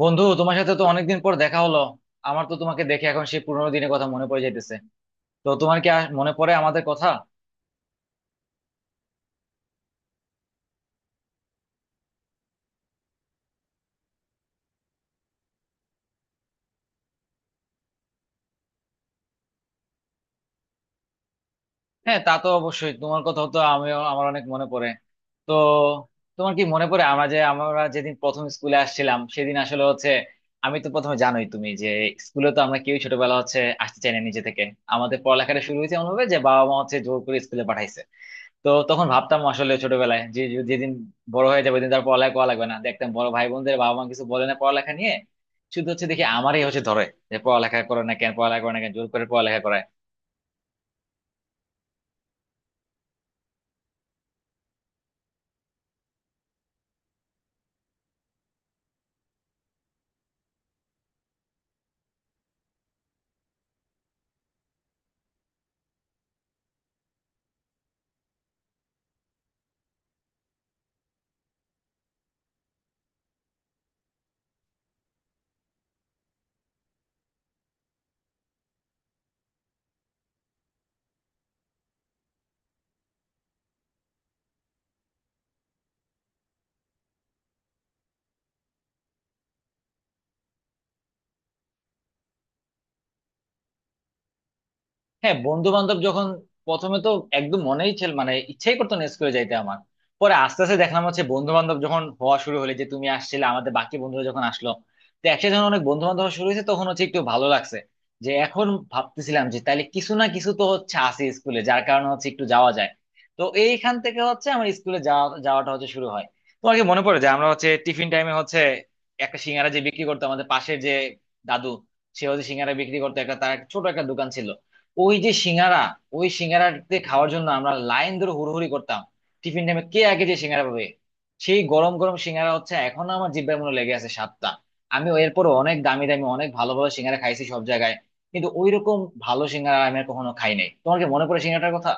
বন্ধু, তোমার সাথে তো অনেকদিন পর দেখা হলো। আমার তো তোমাকে দেখে এখন সেই পুরোনো দিনের কথা মনে পড়ে যাইতেছে। তো তোমার কি আর মনে পড়ে আমাদের কথা? হ্যাঁ, তা তো অবশ্যই, তোমার কথা তো আমিও আমার অনেক মনে পড়ে। তো তোমার কি মনে পড়ে আমরা যে আমরা যেদিন প্রথম স্কুলে আসছিলাম সেদিন আসলে হচ্ছে আমি তো প্রথমে জানোই তুমি যে স্কুলে তো আমরা কেউ ছোটবেলা হচ্ছে আসতে চাই না নিজে থেকে। আমাদের পড়ালেখাটা শুরু হয়েছে এমন ভাবে যে বাবা মা হচ্ছে জোর করে স্কুলে পাঠাইছে। তো তখন ভাবতাম আসলে ছোটবেলায় যে যে- যেদিন বড় হয়ে যাবে দিন তার পড়ালেখা করা লাগবে না, দেখতাম বড় ভাই বোনদের বাবা মা কিছু বলে না পড়ালেখা নিয়ে। শুধু হচ্ছে দেখি আমারই হচ্ছে ধরে যে পড়ালেখা করে না কেন, পড়ালেখা করে না কেন, জোর করে পড়ালেখা করায়। হ্যাঁ বন্ধু বান্ধব যখন প্রথমে তো একদম মনেই ছিল মানে ইচ্ছাই করতো না স্কুলে যাইতে আমার। পরে আস্তে আস্তে দেখলাম হচ্ছে বন্ধু বান্ধব যখন হওয়া শুরু হলে যে তুমি আসছিলে, আমাদের বাকি বন্ধুরা যখন আসলো, তো একসাথে যখন অনেক বন্ধু বান্ধব শুরু হয়েছে তখন হচ্ছে একটু ভালো লাগছে যে এখন ভাবতেছিলাম যে তাইলে কিছু না কিছু তো হচ্ছে আছে স্কুলে যার কারণে হচ্ছে একটু যাওয়া যায়। তো এইখান থেকে হচ্ছে আমার স্কুলে যাওয়া যাওয়াটা হচ্ছে শুরু হয়। তোমার কি মনে পড়ে যে আমরা হচ্ছে টিফিন টাইমে হচ্ছে একটা সিঙ্গারা যে বিক্রি করতো আমাদের পাশের যে দাদু, সে হচ্ছে সিঙ্গারা বিক্রি করতো, একটা তার একটা ছোট একটা দোকান ছিল। ওই যে সিঙ্গারা, ওই সিঙ্গারাতে খাওয়ার জন্য আমরা লাইন ধরে হুড়োহুড়ি করতাম টিফিন টাইমে কে আগে যে সিঙ্গারা পাবে। সেই গরম গরম সিঙ্গারা হচ্ছে এখনো আমার জিব্বার মনে লেগে আছে স্বাদটা। আমি এরপর অনেক দামি দামি অনেক ভালো ভালো সিঙ্গারা খাইছি সব জায়গায়, কিন্তু ওইরকম ভালো সিঙ্গারা আমি আর কখনো খাই নাই। তোমার কি মনে পড়ে সিঙ্গারাটার কথা?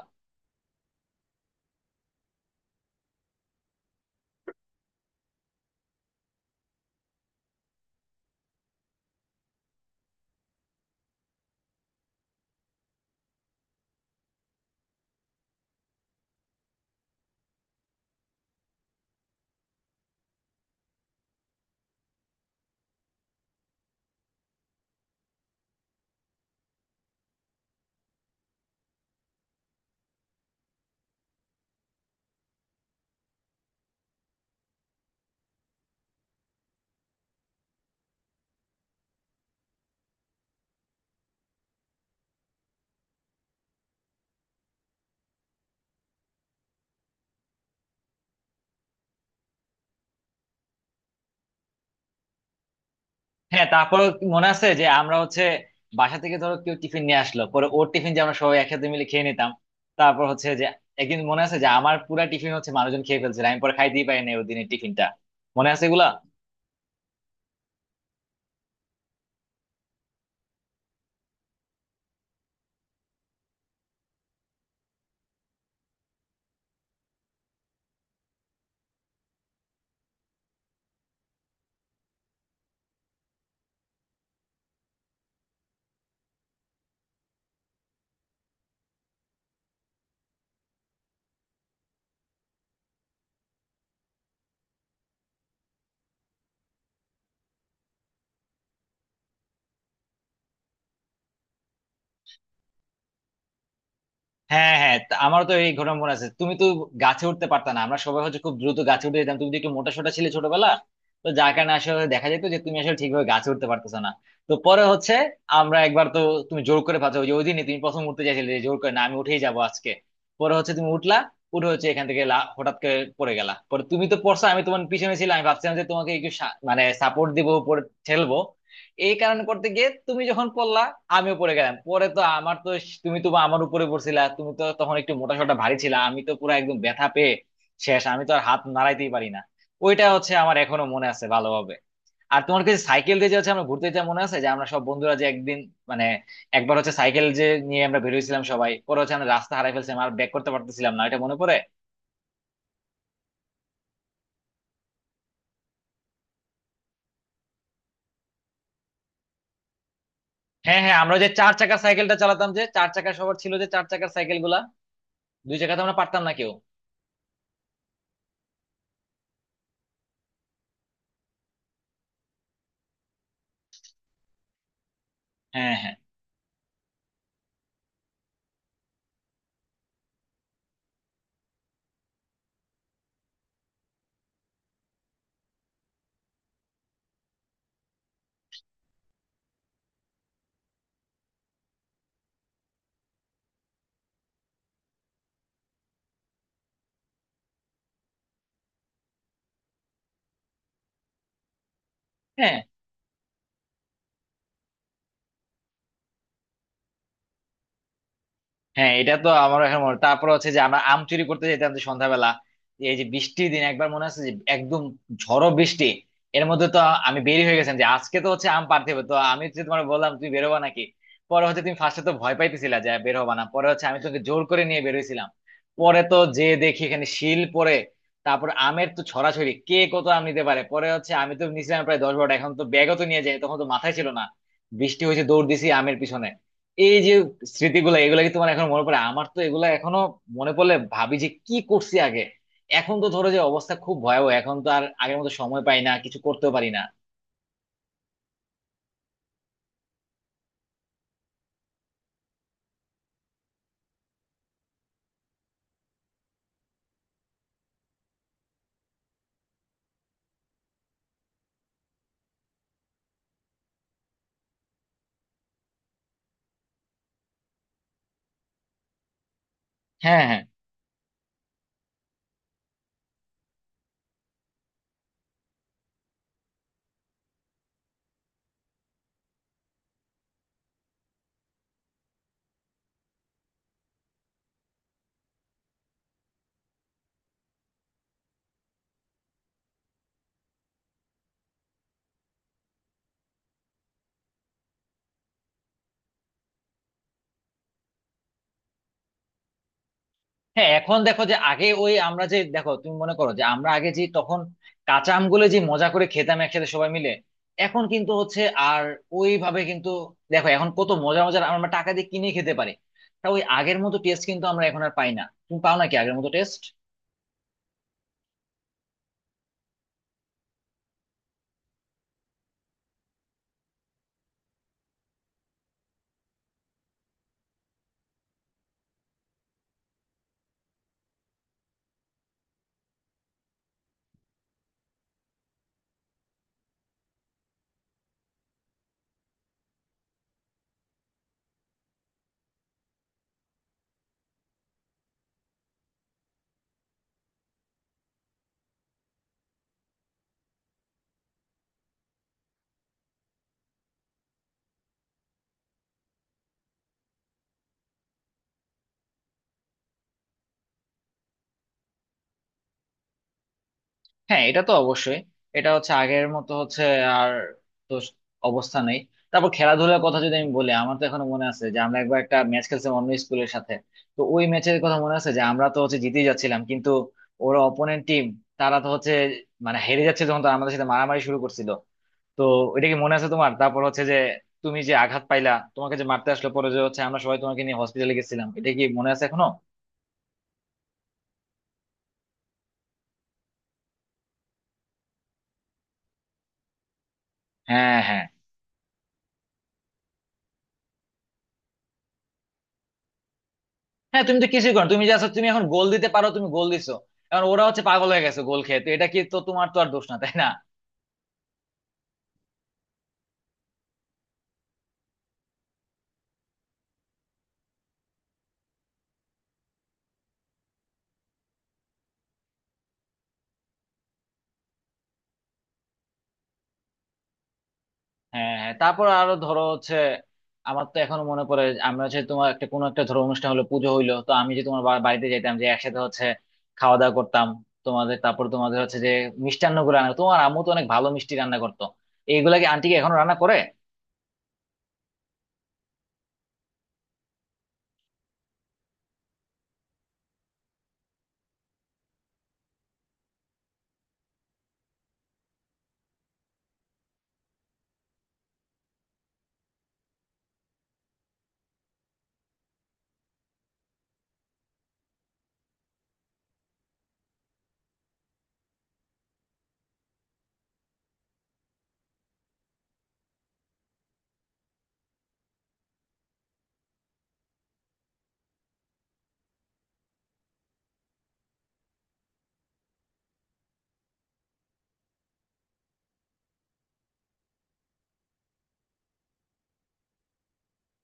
হ্যাঁ, তারপর মনে আছে যে আমরা হচ্ছে বাসা থেকে ধরো কেউ টিফিন নিয়ে আসলো পরে ওর টিফিন যে আমরা সবাই একসাথে মিলে খেয়ে নিতাম। তারপর হচ্ছে যে একদিন মনে আছে যে আমার পুরা টিফিন হচ্ছে মানুষজন খেয়ে ফেলছিল, আমি পরে খাইতেই পারি না ওই দিনের টিফিনটা। মনে আছে এগুলা? হ্যাঁ হ্যাঁ, আমারও তো এই ঘটনা মনে আছে। তুমি তো গাছে উঠতে পারতা না, আমরা সবাই হচ্ছে খুব দ্রুত গাছে উঠে যেতাম। তুমি তো একটু মোটা সোটা ছিলে ছোটবেলা, তো যার কারণে আসলে দেখা যেত যে তুমি আসলে ঠিকভাবে গাছে উঠতে পারতেছো না। তো পরে হচ্ছে আমরা একবার তো তুমি জোর করে পারছো, ওই যে ওই দিনই তুমি প্রথম উঠতে চাইছিলে যে জোর করে, না আমি উঠেই যাবো আজকে। পরে হচ্ছে তুমি উঠলা, উঠে হচ্ছে এখান থেকে হঠাৎ করে পড়ে গেলা। পরে তুমি তো পড়ছো, আমি তোমার পিছনে ছিলাম, আমি ভাবছিলাম যে তোমাকে একটু মানে সাপোর্ট দিব উপরে ঠেলবো। এই কারণে করতে গিয়ে তুমি যখন পড়লা আমিও পড়ে গেলাম। পরে তো আমার তো তুমি তো আমার উপরে পড়ছিলা, তুমি তো তখন একটু মোটা সোটা ভারী ছিলা, আমি তো পুরো একদম ব্যথা পেয়ে শেষ, আমি তো আর হাত নাড়াইতেই পারি না। ওইটা হচ্ছে আমার এখনো মনে আছে ভালোভাবে। আর তোমার কাছে সাইকেল দিয়ে যে হচ্ছে আমরা ঘুরতে যেতাম, মনে আছে যে আমরা সব বন্ধুরা যে একদিন মানে একবার হচ্ছে সাইকেল যে নিয়ে আমরা বেরিয়েছিলাম সবাই, পরে হচ্ছে আমরা রাস্তা হারাই ফেলছিলাম আর ব্যাক করতে পারতেছিলাম না, এটা মনে পড়ে? হ্যাঁ হ্যাঁ, আমরা যে চার চাকার সাইকেলটা চালাতাম, যে চার চাকার সবার ছিল যে চার চাকার সাইকেল গুলা, দুই চাকা তো আমরা পারতাম না কেউ। হ্যাঁ, হ্যাঁ, হ্যাঁ, হ্যাঁ, এটা তো আমারও এখন মনে। তারপর হচ্ছে যে আমরা আম চুরি করতে যেতাম যে সন্ধ্যাবেলা, যে এই যে বৃষ্টির দিন একবার মনে আছে যে একদম ঝড়ো বৃষ্টি, এর মধ্যে তো আমি বেরি হয়ে গেছিলাম যে আজকে তো হচ্ছে আম পাড়তে হবে। তো আমি হচ্ছে তোমার বললাম তুমি বেরোবা নাকি। পরে হচ্ছে তুমি ফার্স্টে তো ভয় পাইতেছিলা যে বের হবা না, পরে হচ্ছে আমি তোকে জোর করে নিয়ে বেরোইছিলাম। পরে তো যে দেখি এখানে শিল পরে, তারপর আমের তো ছড়াছড়ি, কে কত আম নিতে পারে। পরে হচ্ছে আমি তো নিয়েছিলাম প্রায় 10-12টা। এখন তো ব্যাগও তো নিয়ে যাই, তখন তো মাথায় ছিল না, বৃষ্টি হয়েছে দৌড় দিছি আমের পিছনে। এই যে স্মৃতিগুলো, এগুলা কি তোমার এখন মনে পড়ে? আমার তো এগুলা এখনো মনে পড়লে ভাবি যে কি করছি আগে। এখন তো ধরো যে অবস্থা খুব ভয়াবহ, এখন তো আর আগের মতো সময় পাই না, কিছু করতেও পারি না। হ্যাঁ, হ্যাঁ, হ্যাঁ, এখন দেখো যে আগে ওই আমরা যে দেখো তুমি মনে করো যে আমরা আগে যে তখন কাঁচা আমগুলো যে মজা করে খেতাম একসাথে সবাই মিলে, এখন কিন্তু হচ্ছে আর ওইভাবে কিন্তু দেখো এখন কত মজা মজার আমরা টাকা দিয়ে কিনে খেতে পারি, তা ওই আগের মতো টেস্ট কিন্তু আমরা এখন আর পাই না। তুমি পাও নাকি আগের মতো টেস্ট? হ্যাঁ এটা তো অবশ্যই, এটা হচ্ছে আগের মতো হচ্ছে আর তো অবস্থা নেই। তারপর খেলাধুলার কথা যদি আমি বলি, আমার তো এখনো মনে আছে যে আমরা একবার একটা ম্যাচ খেলছিলাম অন্য স্কুলের সাথে। তো ওই ম্যাচের কথা মনে আছে যে আমরা তো হচ্ছে জিতেই যাচ্ছিলাম, কিন্তু ওরা অপোনেন্ট টিম তারা তো হচ্ছে মানে হেরে যাচ্ছে, যখন তারা আমাদের সাথে মারামারি শুরু করছিল। তো এটা কি মনে আছে তোমার? তারপর হচ্ছে যে তুমি যে আঘাত পাইলা, তোমাকে যে মারতে আসলো, পরে যে হচ্ছে আমরা সবাই তোমাকে নিয়ে হসপিটালে গেছিলাম, এটা কি মনে আছে এখনো? হ্যাঁ, হ্যাঁ, হ্যাঁ, তুমি তো কিছুই করো না। তুমি জাস্ট, তুমি এখন গোল দিতে পারো, তুমি গোল দিছো, এখন ওরা হচ্ছে পাগল হয়ে গেছে গোল খেয়ে। তো এটা কি তো তোমার তো আর দোষ না, তাই না? হ্যাঁ হ্যাঁ, তারপর আরো ধরো হচ্ছে আমার তো এখনো মনে পড়ে যে আমরা হচ্ছে তোমার একটা কোনো একটা ধরো অনুষ্ঠান হলো পুজো হইলো, তো আমি যে তোমার বাড়িতে যেতাম যে একসাথে হচ্ছে খাওয়া দাওয়া করতাম তোমাদের, তারপর তোমাদের হচ্ছে যে মিষ্টান্ন গুলো রান্না তোমার আম্মু তো অনেক ভালো মিষ্টি রান্না করতো, এইগুলা কি আন্টি কি এখনো রান্না করে?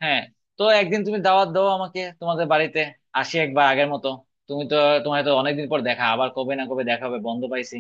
হ্যাঁ, তো একদিন তুমি দাওয়াত দাও আমাকে তোমাদের বাড়িতে, আসি একবার আগের মতো। তুমি তো, তোমার তো অনেকদিন পর দেখা, আবার কবে না কবে দেখা হবে, বন্ধ পাইছি।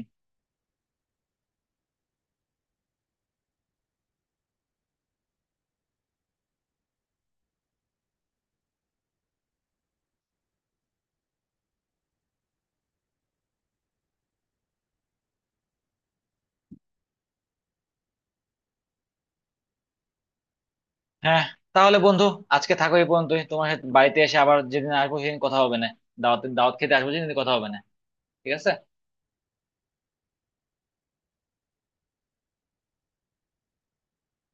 হ্যাঁ, তাহলে বন্ধু আজকে থাকো এই পর্যন্তই, তোমার সাথে বাড়িতে এসে আবার যেদিন আসবো সেদিন কথা হবে না, দাওয়াত দাওয়াত খেতে আসবো সেদিন কথা হবে না, ঠিক আছে?